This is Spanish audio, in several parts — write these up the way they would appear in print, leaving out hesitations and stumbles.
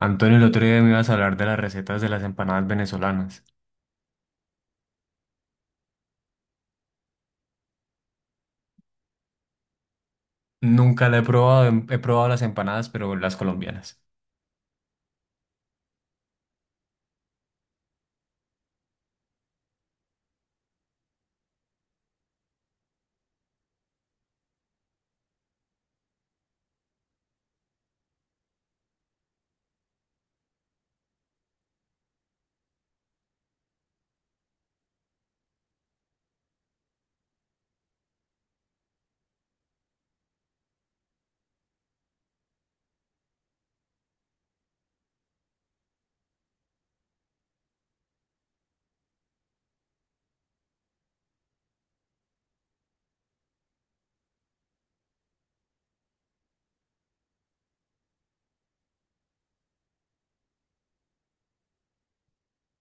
Antonio, el otro día me ibas a hablar de las recetas de las empanadas venezolanas. Nunca la he probado, he probado las empanadas, pero las colombianas.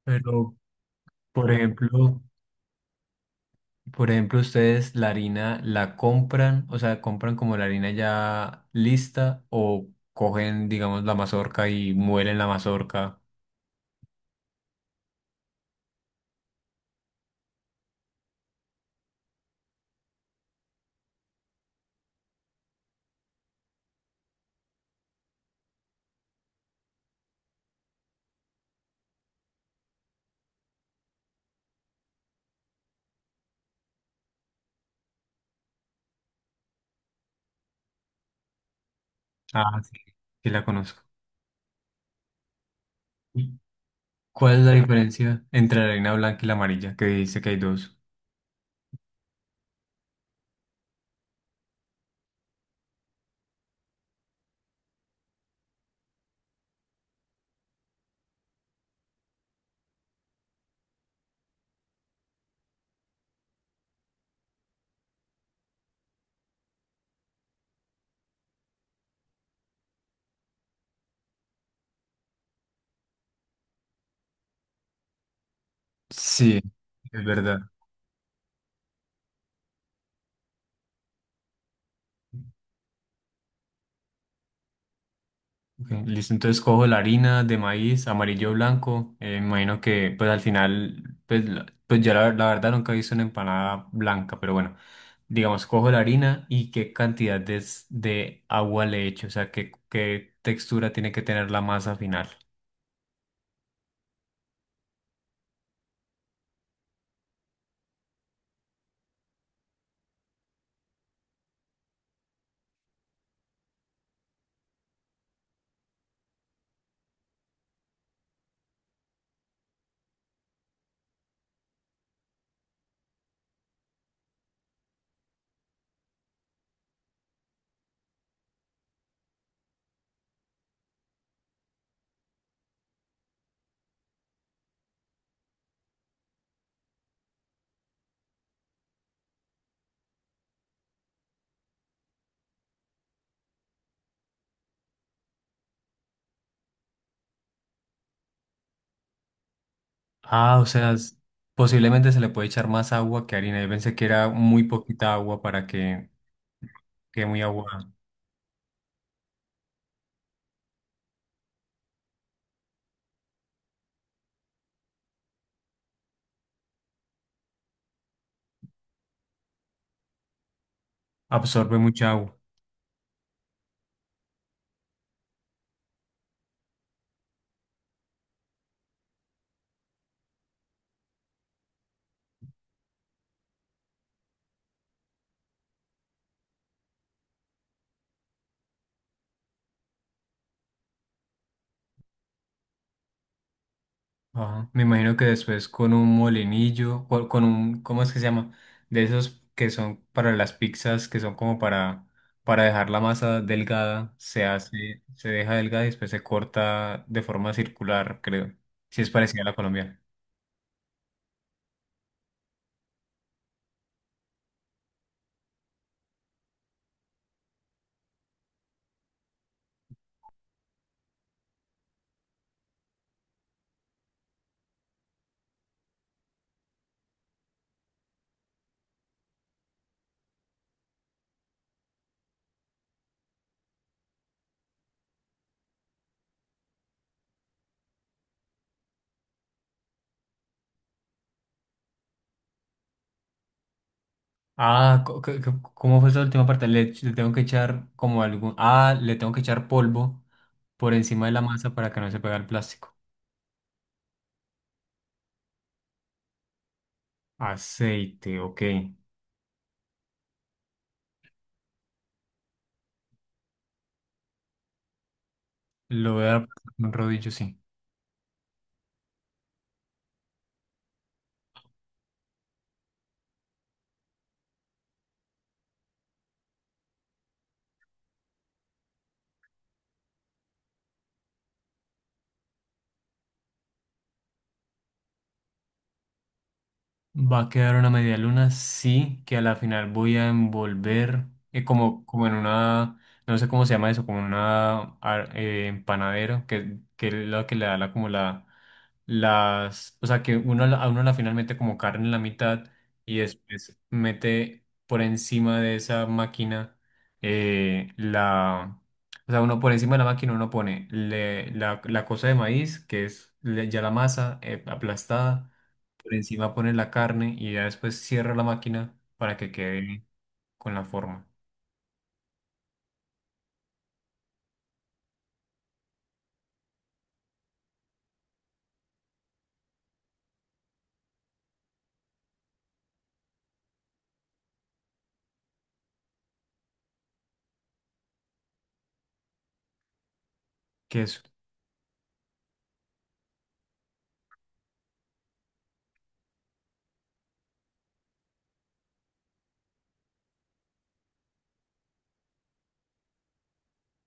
Pero, por ejemplo, por ejemplo, ustedes la harina la compran, o sea, compran como la harina ya lista o cogen, digamos, la mazorca y muelen la mazorca. Ah, sí, sí la conozco. ¿Y ¿Cuál es la diferencia entre la harina blanca y la amarilla? Que dice que hay dos. Sí, es verdad. Ok, listo, entonces cojo la harina de maíz amarillo o blanco. Me imagino que pues al final, pues, pues yo la verdad nunca he visto una empanada blanca, pero bueno, digamos, cojo la harina y qué cantidad de agua le echo, o sea, qué, qué textura tiene que tener la masa final. Ah, o sea, posiblemente se le puede echar más agua que harina. Yo pensé que era muy poquita agua para que quede muy agua, absorbe mucha agua. Ajá. Me imagino que después con un molinillo, o con un, ¿cómo es que se llama? De esos que son para las pizzas, que son como para dejar la masa delgada, se hace, se deja delgada y después se corta de forma circular, creo. Si es parecida a la colombiana. Ah, co- co- ¿Cómo fue esa última parte? Le tengo que echar como algún, ah, le tengo que echar polvo por encima de la masa para que no se pegue al plástico. Aceite, ok. Lo voy a dar un rodillo, sí. Va a quedar una media luna, sí, que a la final voy a envolver como, como en una, no sé cómo se llama eso, como en una empanadero, que es lo que le da la, como la, las, o sea, que uno a uno a la final mete como carne en la mitad y después mete por encima de esa máquina eh, la, o sea, uno por encima de la máquina uno pone la, la cosa de maíz, que es ya la masa aplastada. Por encima pone la carne y ya después cierra la máquina para que quede con la forma. Queso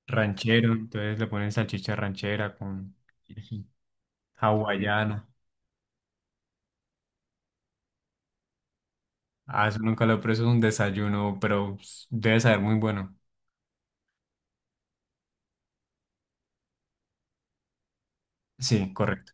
ranchero, entonces le ponen salchicha ranchera con hawaiana. Ah, eso nunca lo he preso, es un desayuno, pero pues, debe saber muy bueno. Sí, correcto.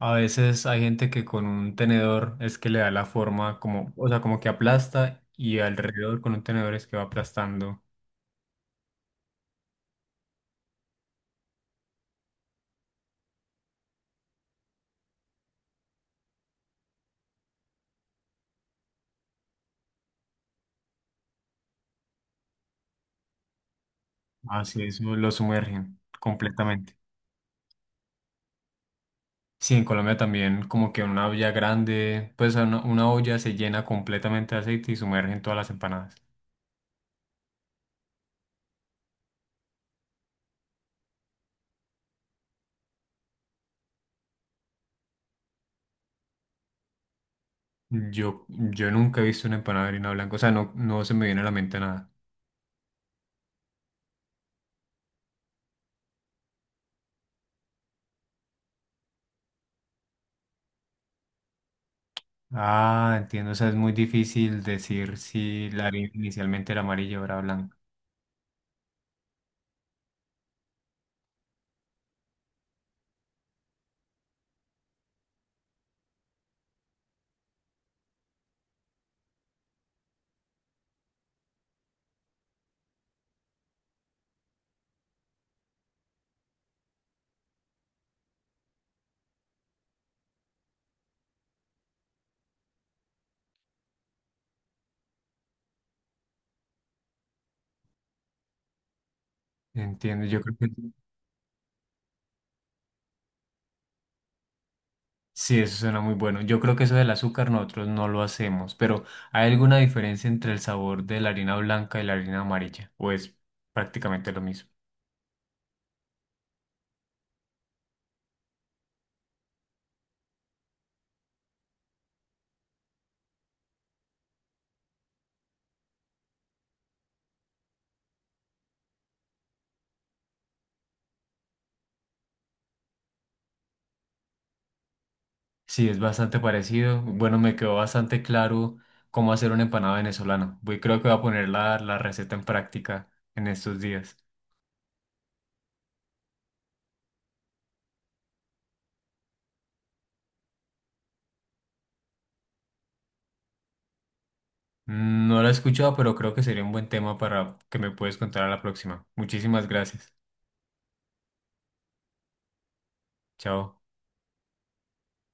A veces hay gente que con un tenedor es que le da la forma como, o sea, como que aplasta y alrededor con un tenedor es que va aplastando. Así eso lo sumergen completamente. Sí, en Colombia también como que una olla grande, pues una olla se llena completamente de aceite y sumergen todas las empanadas. Yo nunca he visto una empanada de harina blanca, o sea, no, no se me viene a la mente nada. Ah, entiendo, o sea, es muy difícil decir si la harina inicialmente era amarilla o era blanca. Entiendo, yo creo que sí, eso suena muy bueno. Yo creo que eso del azúcar nosotros no lo hacemos, pero ¿hay alguna diferencia entre el sabor de la harina blanca y la harina amarilla? ¿O es prácticamente lo mismo? Sí, es bastante parecido. Bueno, me quedó bastante claro cómo hacer una empanada venezolana. Voy, creo que voy a poner la receta en práctica en estos días. Mm, no la he escuchado, pero creo que sería un buen tema para que me puedes contar a la próxima. Muchísimas gracias. Chao.